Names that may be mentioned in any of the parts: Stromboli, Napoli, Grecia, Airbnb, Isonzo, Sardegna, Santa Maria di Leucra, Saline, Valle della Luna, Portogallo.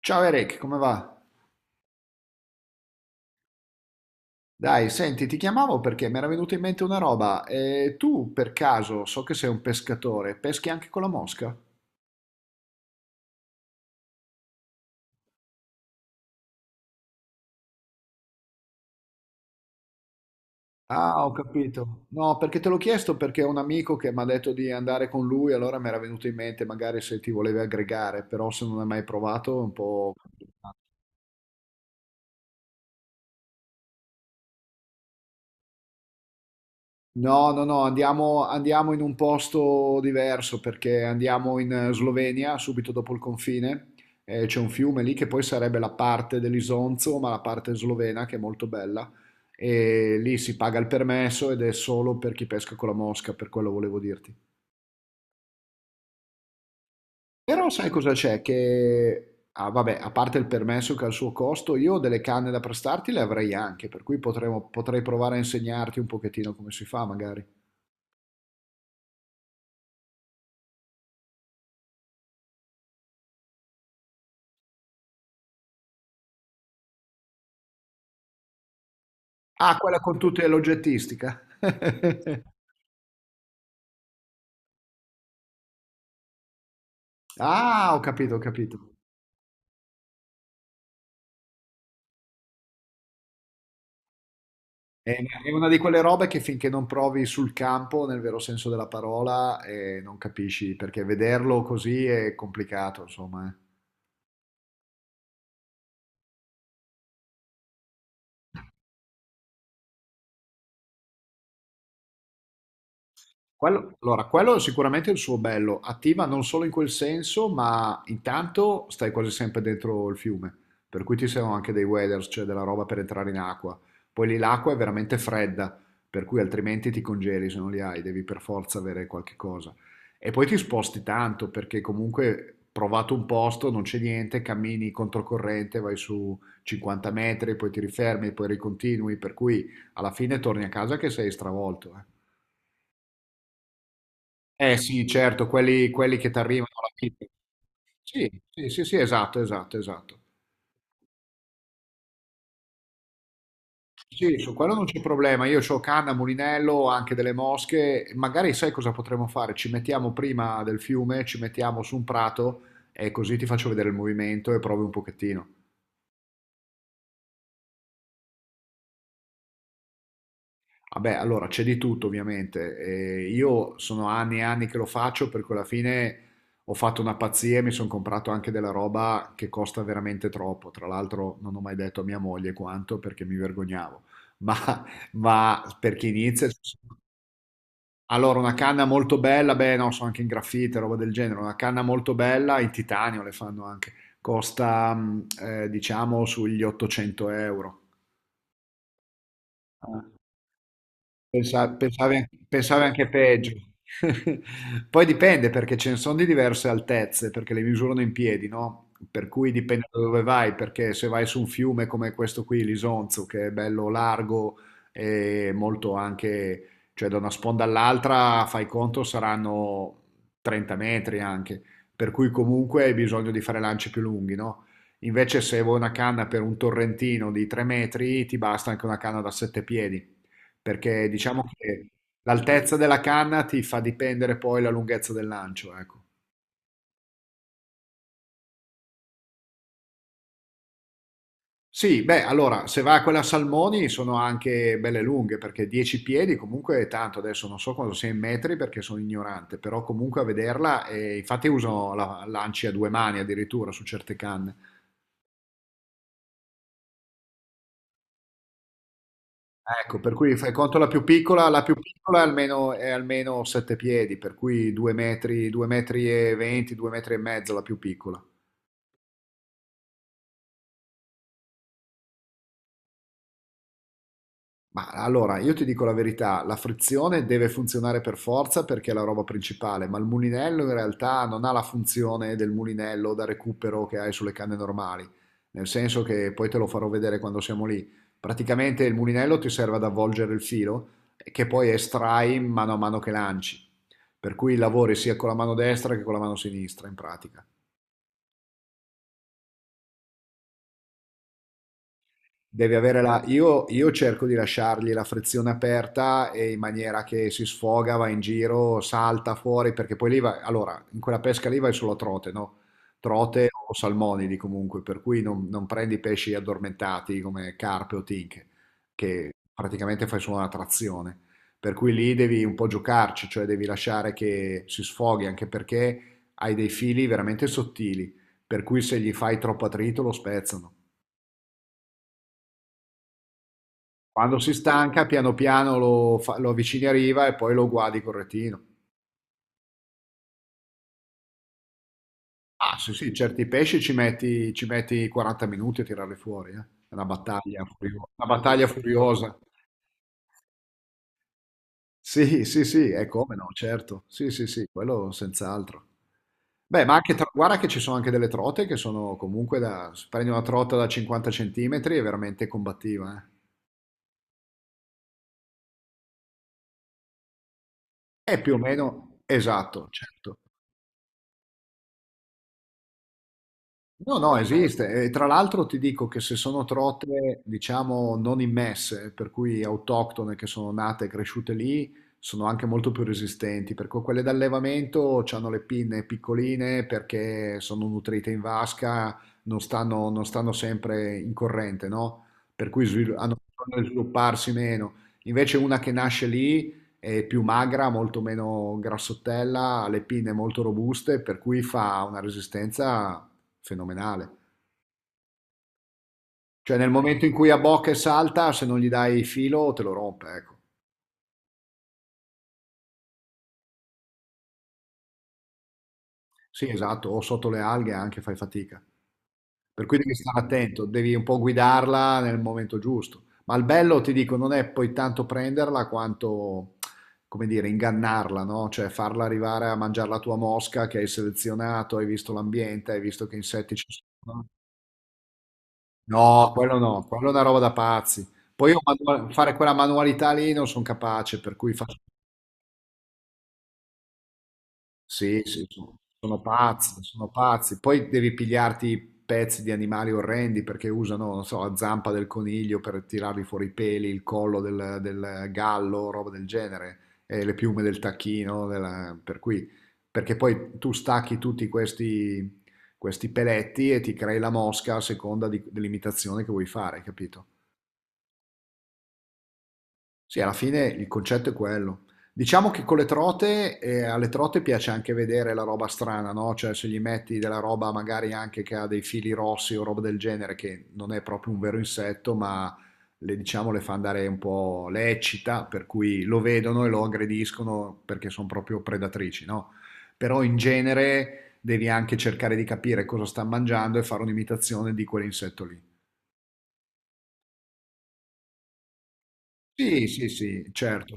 Ciao Eric, come va? Dai, senti, ti chiamavo perché mi era venuta in mente una roba. Tu, per caso, so che sei un pescatore, peschi anche con la mosca? Ah, ho capito. No, perché te l'ho chiesto perché ho un amico che mi ha detto di andare con lui, allora mi era venuto in mente magari se ti volevi aggregare, però se non hai mai provato è un po' complicato. No, no, no, andiamo in un posto diverso perché andiamo in Slovenia, subito dopo il confine, e c'è un fiume lì che poi sarebbe la parte dell'Isonzo, ma la parte slovena che è molto bella, e lì si paga il permesso ed è solo per chi pesca con la mosca, per quello volevo dirti. Però sai cosa c'è? Che, vabbè, a parte il permesso che ha il suo costo, io delle canne da prestarti le avrei anche, per cui potrei provare a insegnarti un pochettino come si fa magari. Ah, quella con tutte l'oggettistica. Ah, ho capito, ho capito. È è una di quelle robe che finché non provi sul campo, nel vero senso della parola, non capisci, perché vederlo così è complicato, insomma. Allora, quello è sicuramente il suo bello, attiva non solo in quel senso, ma intanto stai quasi sempre dentro il fiume, per cui ci sono anche dei waders, cioè della roba per entrare in acqua. Poi lì l'acqua è veramente fredda, per cui altrimenti ti congeli se non li hai, devi per forza avere qualche cosa. E poi ti sposti tanto, perché comunque provato un posto, non c'è niente, cammini controcorrente, vai su 50 metri, poi ti rifermi, poi ricontinui, per cui alla fine torni a casa che sei stravolto, eh. Eh sì, certo, quelli che ti arrivano alla fine. Sì, sì, sì, sì, esatto, esatto, esatto. Sì, su quello non c'è problema. Io ho canna, mulinello, anche delle mosche. Magari sai cosa potremmo fare? Ci mettiamo prima del fiume, ci mettiamo su un prato e così ti faccio vedere il movimento e provi un pochettino. Vabbè, allora c'è di tutto ovviamente. E io sono anni e anni che lo faccio perché alla fine ho fatto una pazzia e mi sono comprato anche della roba che costa veramente troppo. Tra l'altro non ho mai detto a mia moglie quanto perché mi vergognavo. Ma, ma per chi inizia... Allora, una canna molto bella, beh no, so anche in graffite, roba del genere, una canna molto bella, in titanio le fanno anche, costa diciamo sugli 800 euro. Pensavi anche peggio. Poi dipende perché ce ne sono di diverse altezze, perché le misurano in piedi, no? Per cui dipende da dove vai, perché se vai su un fiume come questo qui, l'Isonzo, che è bello largo e molto anche, cioè da una sponda all'altra, fai conto, saranno 30 metri anche, per cui comunque hai bisogno di fare lanci più lunghi, no? Invece se vuoi una canna per un torrentino di 3 metri, ti basta anche una canna da 7 piedi perché diciamo che l'altezza della canna ti fa dipendere poi la lunghezza del lancio, ecco. Sì, beh, allora, se va a quella a salmoni sono anche belle lunghe, perché 10 piedi comunque è tanto, adesso non so quanto sia in metri perché sono ignorante, però comunque a vederla, e infatti lanci a due mani addirittura su certe canne. Ecco, per cui fai conto la più piccola è almeno 7 piedi, per cui 2 metri, 2 metri e 20, 2 metri e mezzo la più piccola. Ma allora, io ti dico la verità, la frizione deve funzionare per forza perché è la roba principale, ma il mulinello in realtà non ha la funzione del mulinello da recupero che hai sulle canne normali, nel senso che poi te lo farò vedere quando siamo lì. Praticamente il mulinello ti serve ad avvolgere il filo che poi estrai mano a mano che lanci, per cui lavori sia con la mano destra che con la mano sinistra in pratica. Devi avere la... Io cerco di lasciargli la frizione aperta e in maniera che si sfoga, va in giro, salta fuori, perché poi lì va... Allora, in quella pesca lì vai solo a trote, no? Trote o salmonidi comunque, per cui non prendi pesci addormentati come carpe o tinche, che praticamente fai solo una trazione. Per cui lì devi un po' giocarci, cioè devi lasciare che si sfoghi, anche perché hai dei fili veramente sottili, per cui se gli fai troppo attrito lo spezzano. Quando si stanca, piano piano lo avvicini a riva e poi lo guardi col retino. Ah, sì, sì, certi pesci ci metti 40 minuti a tirarli fuori, eh. È una battaglia furiosa. Sì, sì, sì, è come no, certo. Sì, sì, sì, quello senz'altro. Beh, ma anche, guarda che ci sono anche delle trote che sono comunque da... se prendi una trota da 50 centimetri è veramente combattiva, eh. È più o meno esatto, certo. No, no, esiste. E tra l'altro ti dico che se sono trote, diciamo, non immesse, per cui autoctone che sono nate e cresciute lì, sono anche molto più resistenti, perché quelle d'allevamento hanno le pinne piccoline perché sono nutrite in vasca, non stanno sempre in corrente, no? Per cui hanno bisogno di svilupparsi meno. Invece una che nasce lì è più magra, molto meno grassottella, ha le pinne molto robuste, per cui fa una resistenza fenomenale. Cioè nel momento in cui abbocca e salta, se non gli dai filo te lo rompe, ecco. Sì, esatto, o sotto le alghe anche fai fatica. Per cui devi stare attento, devi un po' guidarla nel momento giusto. Ma il bello, ti dico, non è poi tanto prenderla quanto, come dire, ingannarla, no? Cioè farla arrivare a mangiare la tua mosca che hai selezionato, hai visto l'ambiente, hai visto che insetti ci sono. No, quello no, quello è una roba da pazzi. Poi io fare quella manualità lì non sono capace, per cui faccio... Sì, sì, sono pazzi, sono pazzi. Poi devi pigliarti pezzi di animali orrendi perché usano, non so, la zampa del coniglio per tirargli fuori i peli, il collo del gallo, roba del genere, e le piume del tacchino, per cui... Perché poi tu stacchi tutti questi peletti e ti crei la mosca a seconda dell'imitazione che vuoi fare, capito? Sì, alla fine il concetto è quello. Diciamo che con le trote, alle trote piace anche vedere la roba strana, no? Cioè se gli metti della roba magari anche che ha dei fili rossi o roba del genere, che non è proprio un vero insetto, ma le, diciamo, le fa andare un po', le eccita, per cui lo vedono e lo aggrediscono perché sono proprio predatrici, no? Però in genere devi anche cercare di capire cosa sta mangiando e fare un'imitazione di quell'insetto lì. Sì, sì, sì, certo.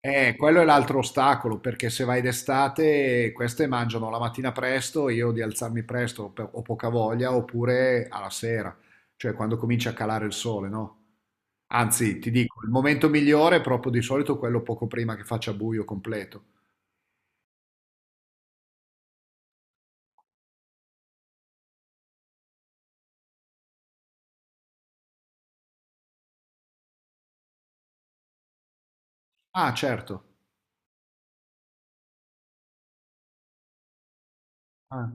Quello è l'altro ostacolo, perché se vai d'estate, queste mangiano la mattina presto, io di alzarmi presto ho poca voglia, oppure alla sera, cioè quando comincia a calare il sole, no? Anzi, ti dico, il momento migliore è proprio di solito quello poco prima che faccia buio completo. Ah, certo. Ah,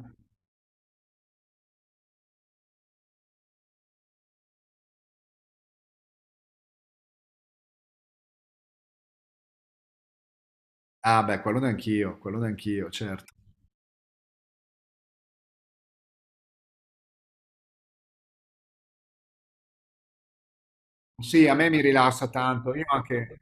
Beh, quello neanch'io, certo. Sì, a me mi rilassa tanto, io anche...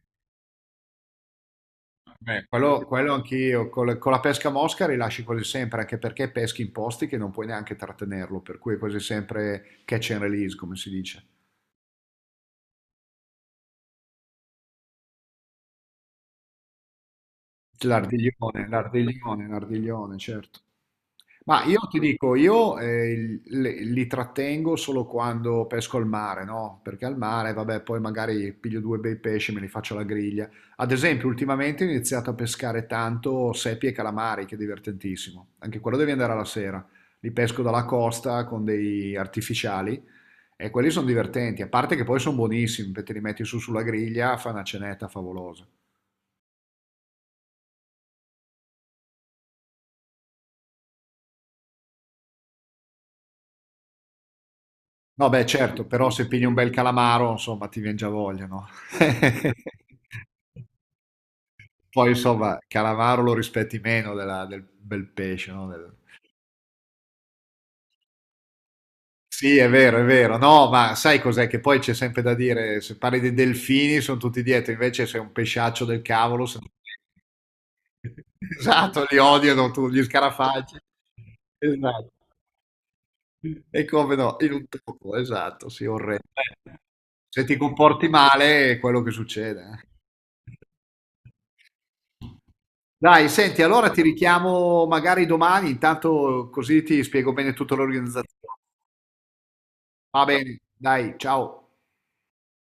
Beh, quello anch'io, con la pesca a mosca rilasci quasi sempre, anche perché peschi in posti che non puoi neanche trattenerlo, per cui è quasi sempre catch and release, come si dice. L'ardiglione, l'ardiglione, l'ardiglione, certo. Ma io ti dico, io li trattengo solo quando pesco al mare, no? Perché al mare, vabbè, poi magari piglio due bei pesci e me li faccio alla griglia. Ad esempio, ultimamente ho iniziato a pescare tanto seppie e calamari, che è divertentissimo. Anche quello devi andare alla sera. Li pesco dalla costa con dei artificiali e quelli sono divertenti, a parte che poi sono buonissimi, perché te li metti su sulla griglia, fa una cenetta favolosa. No, beh, certo, però se pigli un bel calamaro, insomma, ti vien già voglia, no? Poi, insomma, calamaro lo rispetti meno del bel pesce, no? Sì, è vero, è vero. No, ma sai cos'è che poi c'è sempre da dire, se parli dei delfini sono tutti dietro, invece sei un pesciaccio del cavolo. Esatto, li odiano tu, gli scarafaggi. Esatto. E come no, in un topo, esatto, sì, orrendo. Eh, Se ti comporti male è quello che succede. Dai, senti, allora ti richiamo magari domani, intanto così ti spiego bene tutta l'organizzazione. Va bene, dai, ciao.